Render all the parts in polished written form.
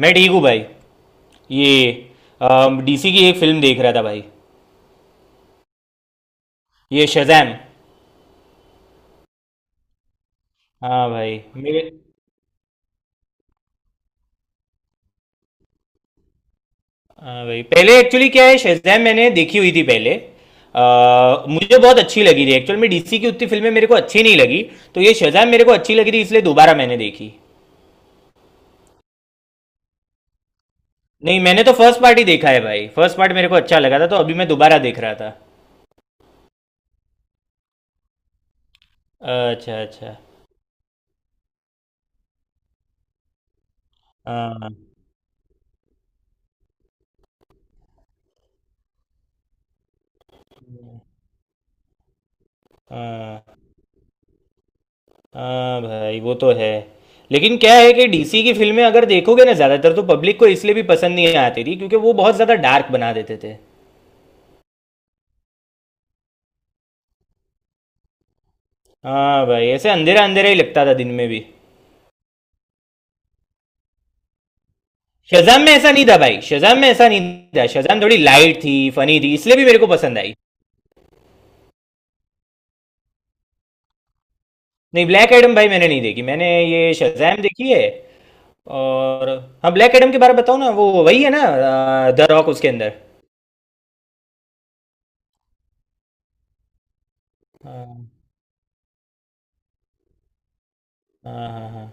मैं ठीक हूँ भाई। ये डीसी की एक फिल्म देख रहा था भाई। ये शज़ैम। हाँ भाई मेरे। हाँ भाई पहले एक्चुअली क्या है, शज़ैम मैंने देखी हुई थी पहले। मुझे बहुत अच्छी लगी थी, एक्चुअल में डीसी की उतनी फिल्में मेरे को अच्छी नहीं लगी। तो ये शज़ैम मेरे को अच्छी लगी थी इसलिए दोबारा मैंने देखी। नहीं मैंने तो फर्स्ट पार्ट ही देखा है भाई, फर्स्ट पार्ट मेरे को अच्छा लगा था तो अभी मैं दोबारा देख रहा था। अच्छा अच्छा। हाँ। हाँ हाँ भाई वो तो है। लेकिन क्या है कि डीसी की फिल्में अगर देखोगे ना ज़्यादातर, तो पब्लिक को इसलिए भी पसंद नहीं आती थी क्योंकि वो बहुत ज़्यादा डार्क बना देते थे। हाँ भाई ऐसे अंधेरा अंधेरा ही लगता था दिन में भी। शज़ाम में ऐसा नहीं था भाई, शज़ाम में ऐसा नहीं था। शज़ाम थोड़ी लाइट थी, फनी थी, इसलिए भी मेरे को पसंद आई। नहीं ब्लैक एडम भाई मैंने नहीं देखी, मैंने ये शज़ाम देखी है। और हाँ ब्लैक एडम के बारे में बताओ ना, वो वही है ना द रॉक उसके अंदर। हाँ हाँ हाँ हाँ।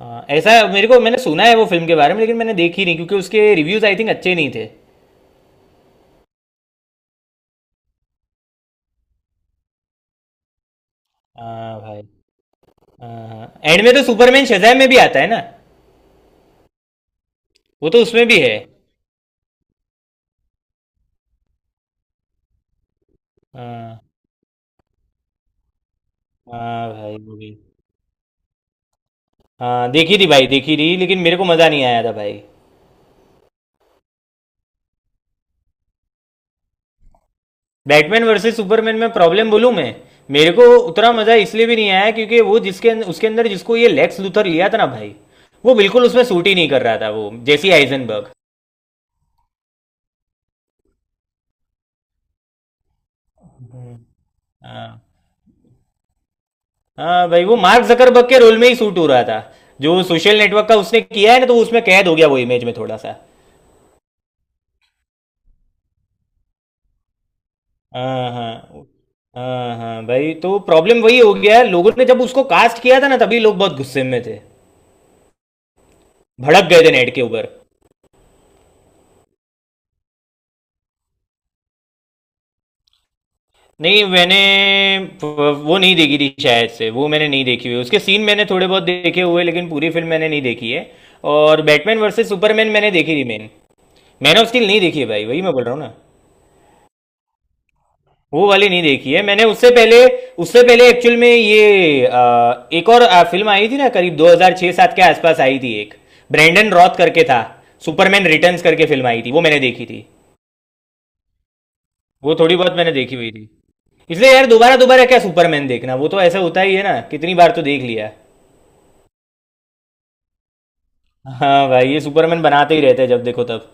हाँ, ऐसा मेरे को, मैंने सुना है वो फिल्म के बारे में लेकिन मैंने देखी नहीं क्योंकि उसके रिव्यूज आई थिंक अच्छे नहीं थे। हाँ भाई। हाँ एंड में तो सुपरमैन शज़ाम में भी आता है ना। वो तो उसमें भी है। हाँ। हाँ भाई वो भी। हाँ देखी थी भाई, देखी थी, लेकिन मेरे को मज़ा नहीं आया था भाई। बैटमैन वर्सेस सुपरमैन में प्रॉब्लम बोलूँ मैं। मेरे को उतना मज़ा इसलिए भी नहीं आया क्योंकि वो जिसके अंदर, उसके अंदर जिसको ये लेक्स लूथर लिया था ना भाई, वो बिल्कुल उसमें सूट ही नहीं कर रहा था वो, जैसी आइजनबर्ग। हम्म, हाँ। हाँ भाई वो मार्क जकरबर्ग के रोल में ही सूट हो रहा था। जो सोशल नेटवर्क का उसने किया है ना तो वो उसमें कैद हो गया वो इमेज में थोड़ा सा। हाँ हाँ। हाँ हाँ भाई तो प्रॉब्लम वही हो गया है, लोगों ने जब उसको कास्ट किया था ना तभी लोग बहुत गुस्से में थे, भड़क गए थे नेट के ऊपर। नहीं मैंने वो नहीं देखी थी शायद से, वो मैंने नहीं देखी हुई। उसके सीन मैंने थोड़े बहुत देखे हुए लेकिन पूरी फिल्म मैंने नहीं देखी है। और बैटमैन वर्सेस सुपरमैन मैंने देखी थी। मैन, मैन ऑफ स्टील नहीं देखी है भाई, वही मैं बोल रहा हूँ ना। वो वाली नहीं देखी है मैंने, उससे पहले। उससे पहले एक्चुअल में ये एक और फिल्म आई थी ना, करीब 2006-7 के आसपास आई थी एक। ब्रैंडन रॉथ करके था। सुपरमैन रिटर्न्स करके फिल्म आई थी, वो मैंने देखी थी। वो थोड़ी बहुत मैंने देखी हुई थी। इसलिए यार दोबारा दोबारा क्या सुपरमैन देखना, वो तो ऐसा होता ही है ना, कितनी बार तो देख लिया। हाँ भाई ये सुपरमैन बनाते ही रहते हैं जब देखो तब।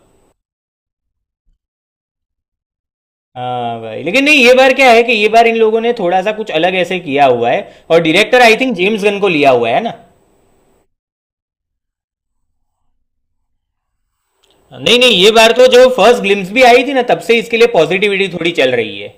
हाँ भाई, लेकिन नहीं ये बार क्या है कि ये बार इन लोगों ने थोड़ा सा कुछ अलग ऐसे किया हुआ है और director I think James Gunn को लिया हुआ है ना। नहीं नहीं ये बार तो जो फर्स्ट ग्लिम्स भी आई थी ना, तब से इसके लिए पॉजिटिविटी थोड़ी चल रही है।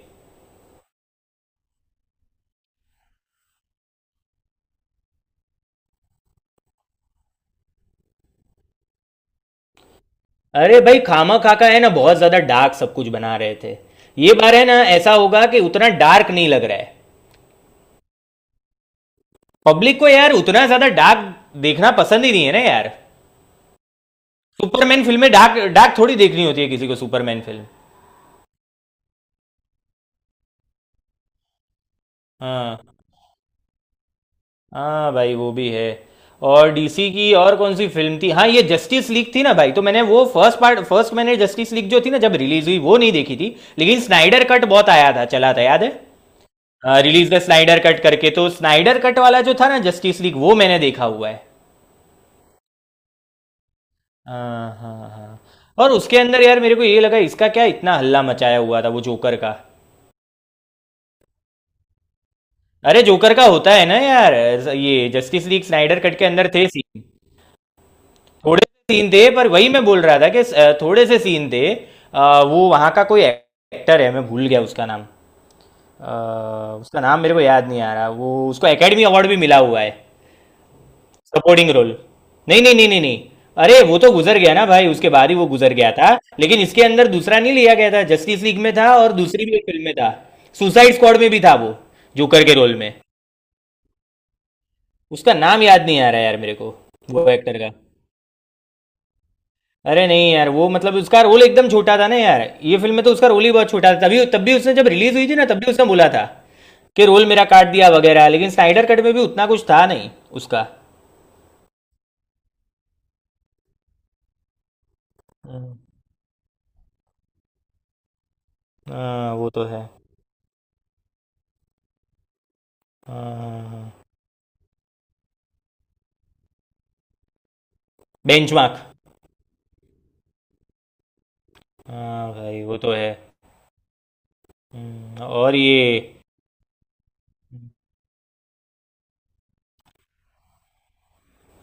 अरे भाई खामा खाका है ना, बहुत ज्यादा डार्क सब कुछ बना रहे थे। ये बार है ना ऐसा होगा कि उतना डार्क नहीं लग रहा है। पब्लिक को यार उतना ज्यादा डार्क देखना पसंद ही नहीं है ना यार। सुपरमैन फिल्में डार्क डार्क थोड़ी देखनी होती है किसी को, सुपरमैन फिल्म। हाँ। हाँ भाई वो भी है। और डीसी की और कौन सी फिल्म थी, हाँ ये जस्टिस लीग थी ना भाई। तो मैंने वो फर्स्ट पार्ट, फर्स्ट मैंने जस्टिस लीग जो थी ना जब रिलीज हुई वो नहीं देखी थी, लेकिन स्नाइडर कट बहुत आया था, चला था याद है, रिलीज द स्नाइडर कट करके, तो स्नाइडर कट वाला जो था ना जस्टिस लीग वो मैंने देखा हुआ है। हाँ हाँ हाँ। और उसके अंदर यार मेरे को ये लगा इसका क्या इतना हल्ला मचाया हुआ था वो जोकर का। अरे जोकर का होता है ना यार, ये जस्टिस लीग स्नाइडर कट के अंदर थे सीन। थोड़े से सीन थे पर वही मैं बोल रहा था कि थोड़े से सीन थे। वो वहाँ का कोई एक्टर है, मैं भूल गया उसका नाम। अ, उसका नाम मेरे को याद नहीं आ रहा, वो उसको एकेडमी अवार्ड भी मिला हुआ है सपोर्टिंग रोल। नहीं नहीं नहीं नहीं नहीं, अरे वो तो गुजर गया ना भाई, उसके बाद ही वो गुजर गया था। लेकिन इसके अंदर दूसरा नहीं लिया गया था, जस्टिस लीग में था और दूसरी भी एक फिल्म में था, सुसाइड स्क्वाड में भी था वो, जोकर के रोल में। उसका नाम याद नहीं आ रहा यार मेरे को, वो एक्टर का। अरे नहीं यार वो मतलब उसका रोल एकदम छोटा था ना यार, ये फिल्म में तो उसका रोल ही बहुत छोटा था, तभी तब भी उसने जब रिलीज हुई थी ना तब भी उसने बोला था कि रोल मेरा काट दिया वगैरह, लेकिन स्नाइडर कट में भी उतना कुछ था नहीं उसका। हम्म, हाँ वो तो है। हाँ बेंचमार्क। हाँ भाई वो तो है। और ये।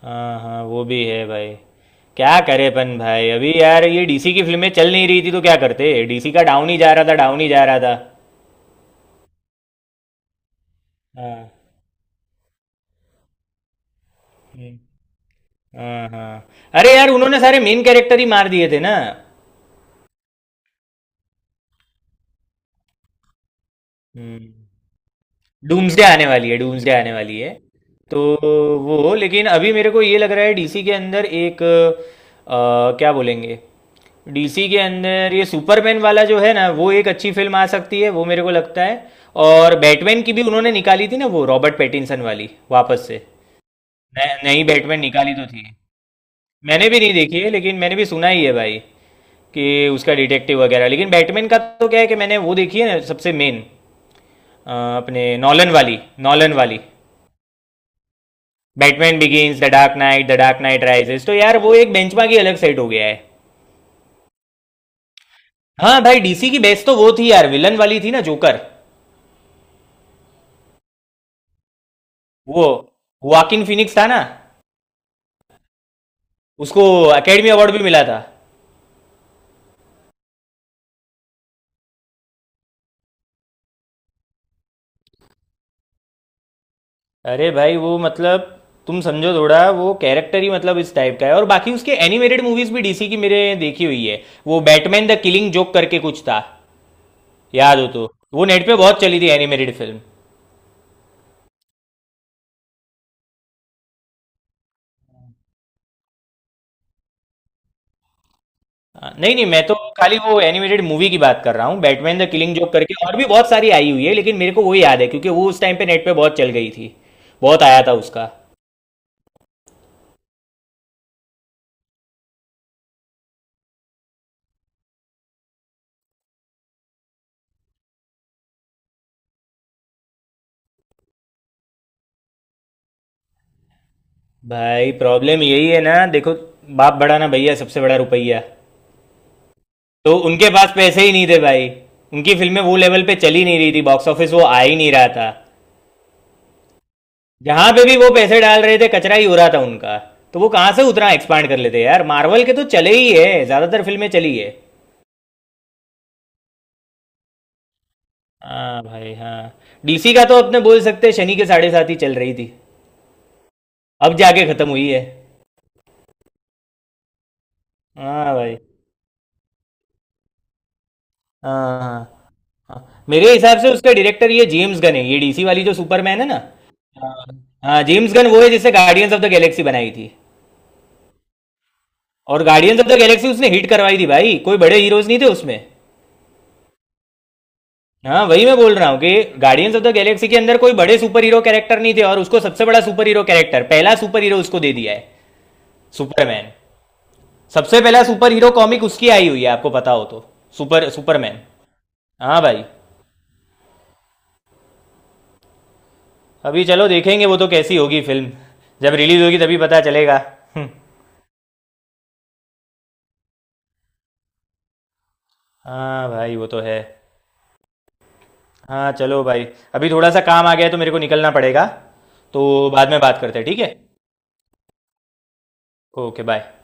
हाँ हाँ वो भी है भाई। क्या करेपन भाई अभी यार, ये डीसी की फिल्में चल नहीं रही थी तो क्या करते, डीसी का डाउन ही जा रहा था, डाउन ही जा रहा था। हाँ। हम्म। हाँ हाँ। अरे यार उन्होंने सारे मेन कैरेक्टर ही मार दिए थे ना। हम्म। डूम्सडे आने वाली है, डूम्सडे आने वाली है। तो वो, लेकिन अभी मेरे को ये लग रहा है डीसी के अंदर एक क्या बोलेंगे, डीसी के अंदर ये सुपरमैन वाला जो है ना वो एक अच्छी फिल्म आ सकती है, वो मेरे को लगता है। और बैटमैन की भी उन्होंने निकाली थी ना, वो रॉबर्ट पैटिंसन वाली वापस से। नई बैटमैन निकाली तो थी। मैंने भी नहीं देखी है लेकिन मैंने भी सुना ही है भाई कि उसका डिटेक्टिव वगैरह। लेकिन बैटमैन का तो क्या है कि मैंने वो देखी है ना, सबसे मेन अपने नॉलन वाली, नॉलन वाली, Batman Begins, the Dark Knight, the Dark Knight Rises. तो यार वो एक बेंचमार्क ही अलग सेट हो गया है। हाँ भाई डीसी की बेस्ट तो वो थी यार, विलन वाली थी ना जोकर। वो वाकिन फिनिक्स था ना, उसको एकेडमी अवार्ड भी मिला था। अरे भाई वो मतलब तुम समझो थोड़ा वो कैरेक्टर ही मतलब इस टाइप का है। और बाकी उसके एनिमेटेड मूवीज भी डीसी की मेरे देखी हुई है। वो बैटमैन द किलिंग जोक करके कुछ था याद हो तो, वो नेट पे बहुत चली थी एनिमेटेड फिल्म। हाँ, नहीं नहीं मैं तो खाली वो एनिमेटेड मूवी की बात कर रहा हूँ, बैटमैन द किलिंग जोक करके, और भी बहुत सारी आई हुई है लेकिन मेरे को वो याद है क्योंकि वो उस टाइम पे नेट पे बहुत चल गई थी, बहुत आया था उसका। भाई प्रॉब्लम यही है ना देखो, बाप बड़ा ना भैया, सबसे बड़ा रुपया। तो उनके पास पैसे ही नहीं थे भाई, उनकी फिल्में वो लेवल पे चली नहीं रही थी, बॉक्स ऑफिस वो आ ही नहीं रहा था। जहां पे भी वो पैसे डाल रहे थे कचरा ही हो रहा था उनका। तो वो कहाँ से उतना एक्सपांड कर लेते यार, मार्वल के तो चले ही है, ज्यादातर फिल्में चली है। हाँ भाई हाँ। डीसी का तो अपने बोल सकते हैं, शनि के साढ़े साथ ही चल रही थी, अब जाके खत्म हुई है। हाँ भाई। हाँ हाँ। हाँ। मेरे हिसाब से उसका डायरेक्टर ये जेम्स गन है, ये डीसी वाली जो सुपरमैन है ना। हाँ। हाँ, जेम्स गन वो है जिसने गार्डियंस ऑफ द गैलेक्सी बनाई थी। और गार्डियंस ऑफ द गैलेक्सी उसने हिट करवाई थी भाई, कोई बड़े हीरोज नहीं थे उसमें। हाँ वही मैं बोल रहा हूँ कि गार्डियंस ऑफ द गैलेक्सी के अंदर कोई बड़े सुपर हीरो कैरेक्टर नहीं थे, और उसको सबसे बड़ा सुपर हीरो कैरेक्टर, पहला सुपर हीरो उसको दे दिया है, सुपरमैन। सबसे पहला सुपर हीरो कॉमिक उसकी आई हुई है आपको पता हो तो, सुपरमैन। हाँ भाई। अभी चलो देखेंगे वो तो कैसी होगी फिल्म, जब रिलीज होगी तभी पता चलेगा। हम्म, हाँ भाई वो तो है। हाँ चलो भाई, अभी थोड़ा सा काम आ गया है तो मेरे को निकलना पड़ेगा। तो बाद में बात करते हैं ठीक है। Okay bye.